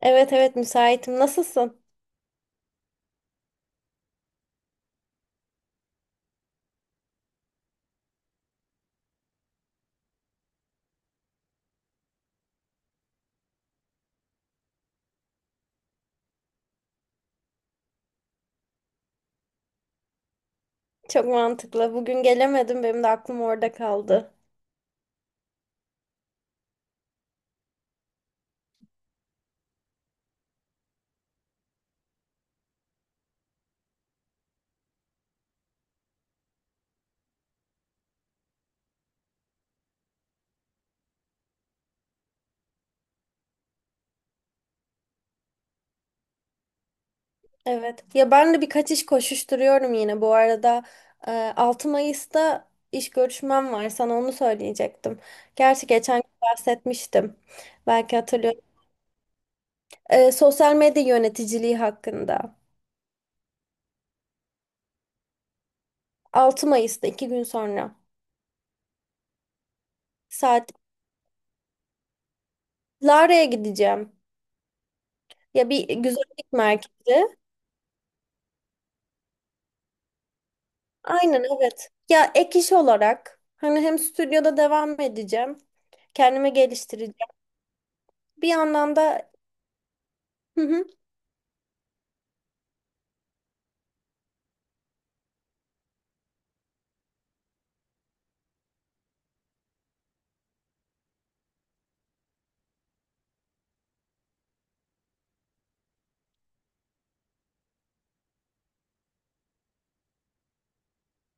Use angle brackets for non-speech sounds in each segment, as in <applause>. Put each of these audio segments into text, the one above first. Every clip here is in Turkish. Evet evet müsaitim. Nasılsın? Çok mantıklı. Bugün gelemedim. Benim de aklım orada kaldı. Evet. Ya ben de birkaç iş koşuşturuyorum yine. Bu arada 6 Mayıs'ta iş görüşmem var. Sana onu söyleyecektim. Gerçi geçen gün bahsetmiştim. Belki hatırlıyorum. Sosyal medya yöneticiliği hakkında. 6 Mayıs'ta iki gün sonra. Saat Lara'ya gideceğim. Ya bir güzellik merkezi. Aynen evet. Ya ek iş olarak hani hem stüdyoda devam edeceğim. Kendimi geliştireceğim. Bir yandan da. Hı hı.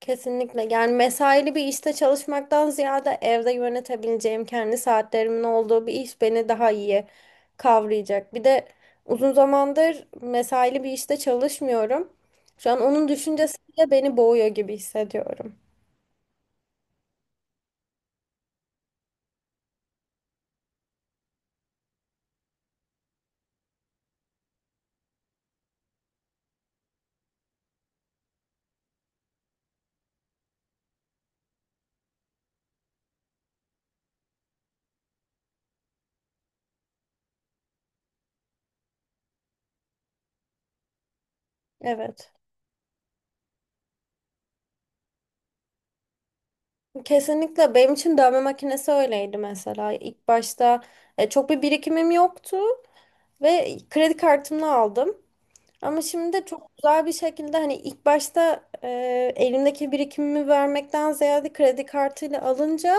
Kesinlikle yani mesaili bir işte çalışmaktan ziyade evde yönetebileceğim kendi saatlerimin olduğu bir iş beni daha iyi kavrayacak. Bir de uzun zamandır mesaili bir işte çalışmıyorum. Şu an onun düşüncesiyle beni boğuyor gibi hissediyorum. Evet. Kesinlikle benim için dövme makinesi öyleydi mesela. İlk başta çok bir birikimim yoktu ve kredi kartımla aldım. Ama şimdi çok güzel bir şekilde hani ilk başta elimdeki birikimimi vermekten ziyade kredi kartıyla alınca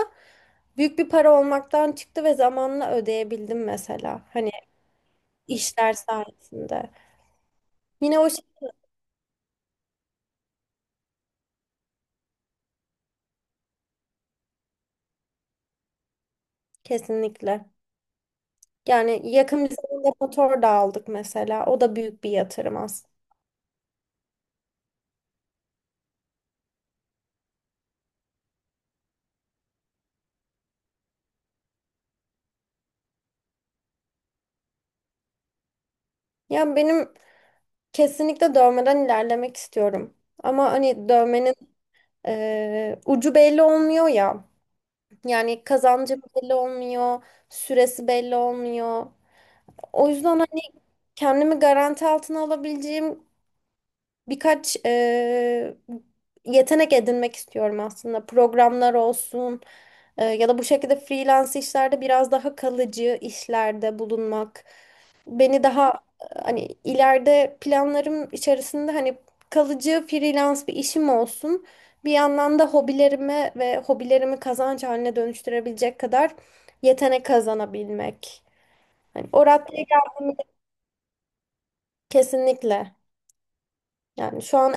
büyük bir para olmaktan çıktı ve zamanla ödeyebildim mesela. Hani işler sayesinde. Yine o şey kesinlikle. Yani yakın bir zamanda motor da aldık mesela. O da büyük bir yatırım aslında. Ya benim. Kesinlikle dövmeden ilerlemek istiyorum. Ama hani dövmenin ucu belli olmuyor ya. Yani kazancı belli olmuyor, süresi belli olmuyor. O yüzden hani kendimi garanti altına alabileceğim birkaç yetenek edinmek istiyorum aslında. Programlar olsun ya da bu şekilde freelance işlerde biraz daha kalıcı işlerde bulunmak. Beni daha hani ileride planlarım içerisinde hani kalıcı freelance bir işim olsun. Bir yandan da hobilerime ve hobilerimi kazanç haline dönüştürebilecek kadar yetenek kazanabilmek. Hani o raddeye geldiğimde kesinlikle. Yani şu an.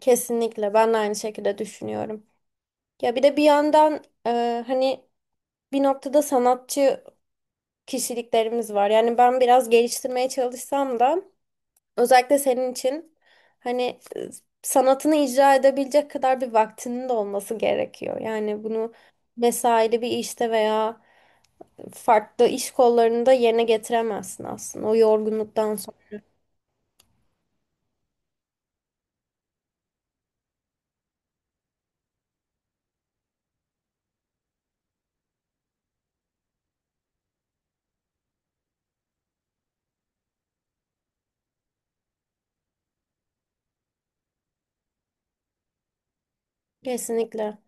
Kesinlikle ben de aynı şekilde düşünüyorum. Ya bir de bir yandan hani bir noktada sanatçı kişiliklerimiz var. Yani ben biraz geliştirmeye çalışsam da özellikle senin için hani e, sanatını icra edebilecek kadar bir vaktinin de olması gerekiyor. Yani bunu mesaili bir işte veya farklı iş kollarında yerine getiremezsin aslında o yorgunluktan sonra. Kesinlikle.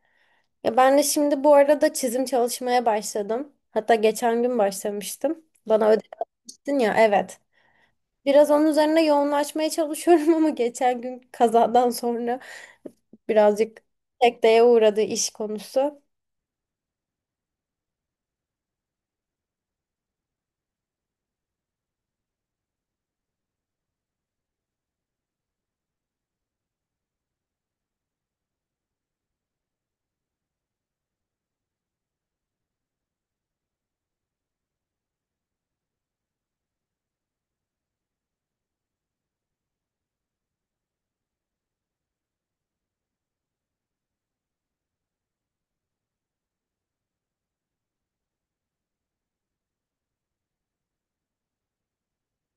Ya ben de şimdi bu arada çizim çalışmaya başladım. Hatta geçen gün başlamıştım. Bana ödev atmıştın ya, evet. Biraz onun üzerine yoğunlaşmaya çalışıyorum <laughs> ama geçen gün kazadan sonra birazcık sekteye uğradı iş konusu.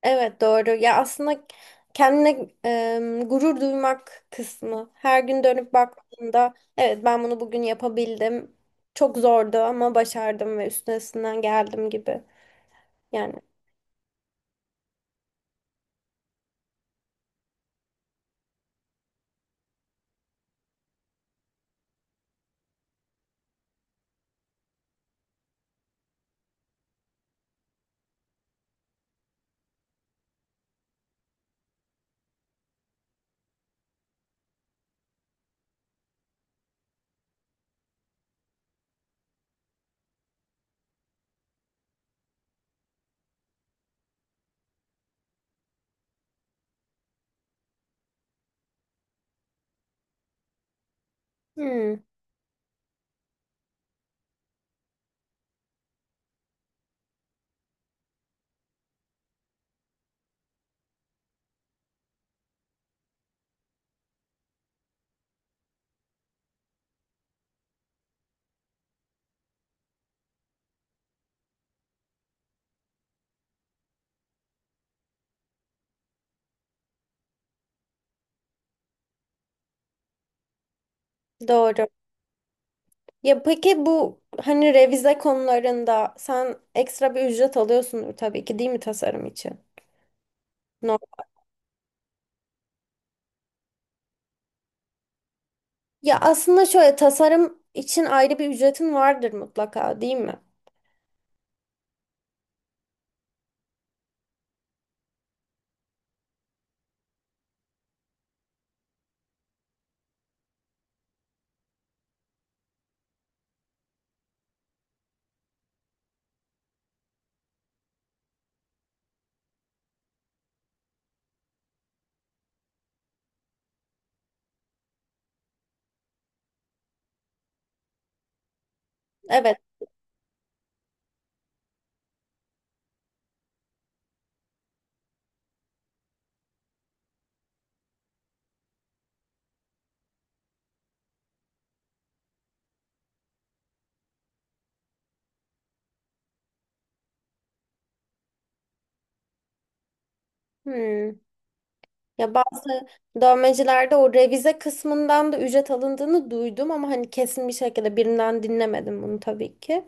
Evet doğru. Ya aslında kendine gurur duymak kısmı. Her gün dönüp baktığında evet ben bunu bugün yapabildim. Çok zordu ama başardım ve üstesinden geldim gibi. Yani. Hmm. Doğru. Ya peki bu hani revize konularında sen ekstra bir ücret alıyorsundur tabii ki değil mi tasarım için? No. Ya aslında şöyle tasarım için ayrı bir ücretin vardır mutlaka değil mi? Evet. Hmm. Ya bazı dövmecilerde o revize kısmından da ücret alındığını duydum ama hani kesin bir şekilde birinden dinlemedim bunu tabii ki.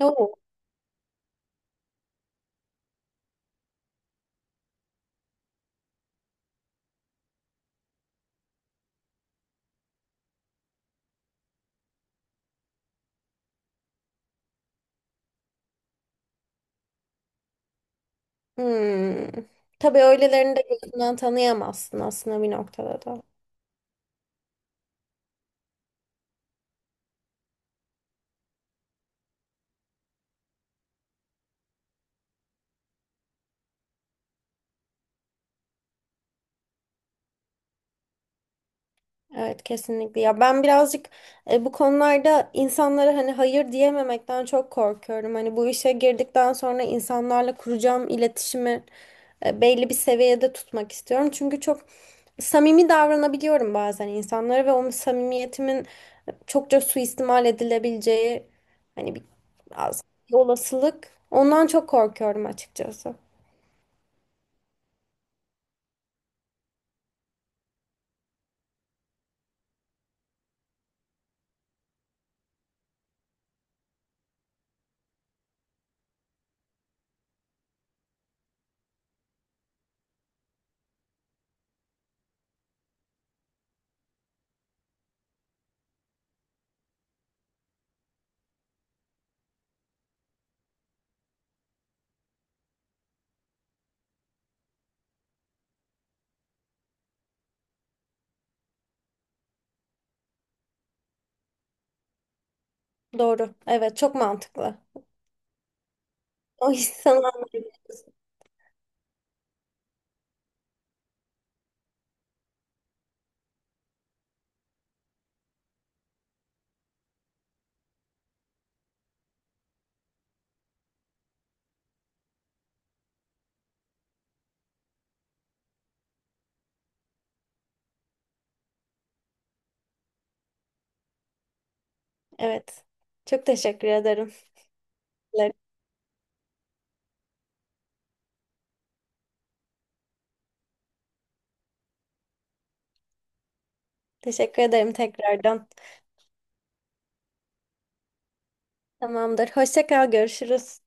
Yok. Hmm. Tabii öylelerini de gözünden tanıyamazsın aslında bir noktada da. Evet kesinlikle ya ben birazcık bu konularda insanlara hani hayır diyememekten çok korkuyorum. Hani bu işe girdikten sonra insanlarla kuracağım iletişimi belli bir seviyede tutmak istiyorum. Çünkü çok samimi davranabiliyorum bazen insanlara ve o samimiyetimin çokça suistimal edilebileceği hani bir az bir olasılık. Ondan çok korkuyorum açıkçası. Doğru. Evet çok mantıklı. O insanlar. <laughs> Evet. Çok teşekkür ederim. Teşekkür ederim tekrardan. Tamamdır. Hoşça kal, görüşürüz.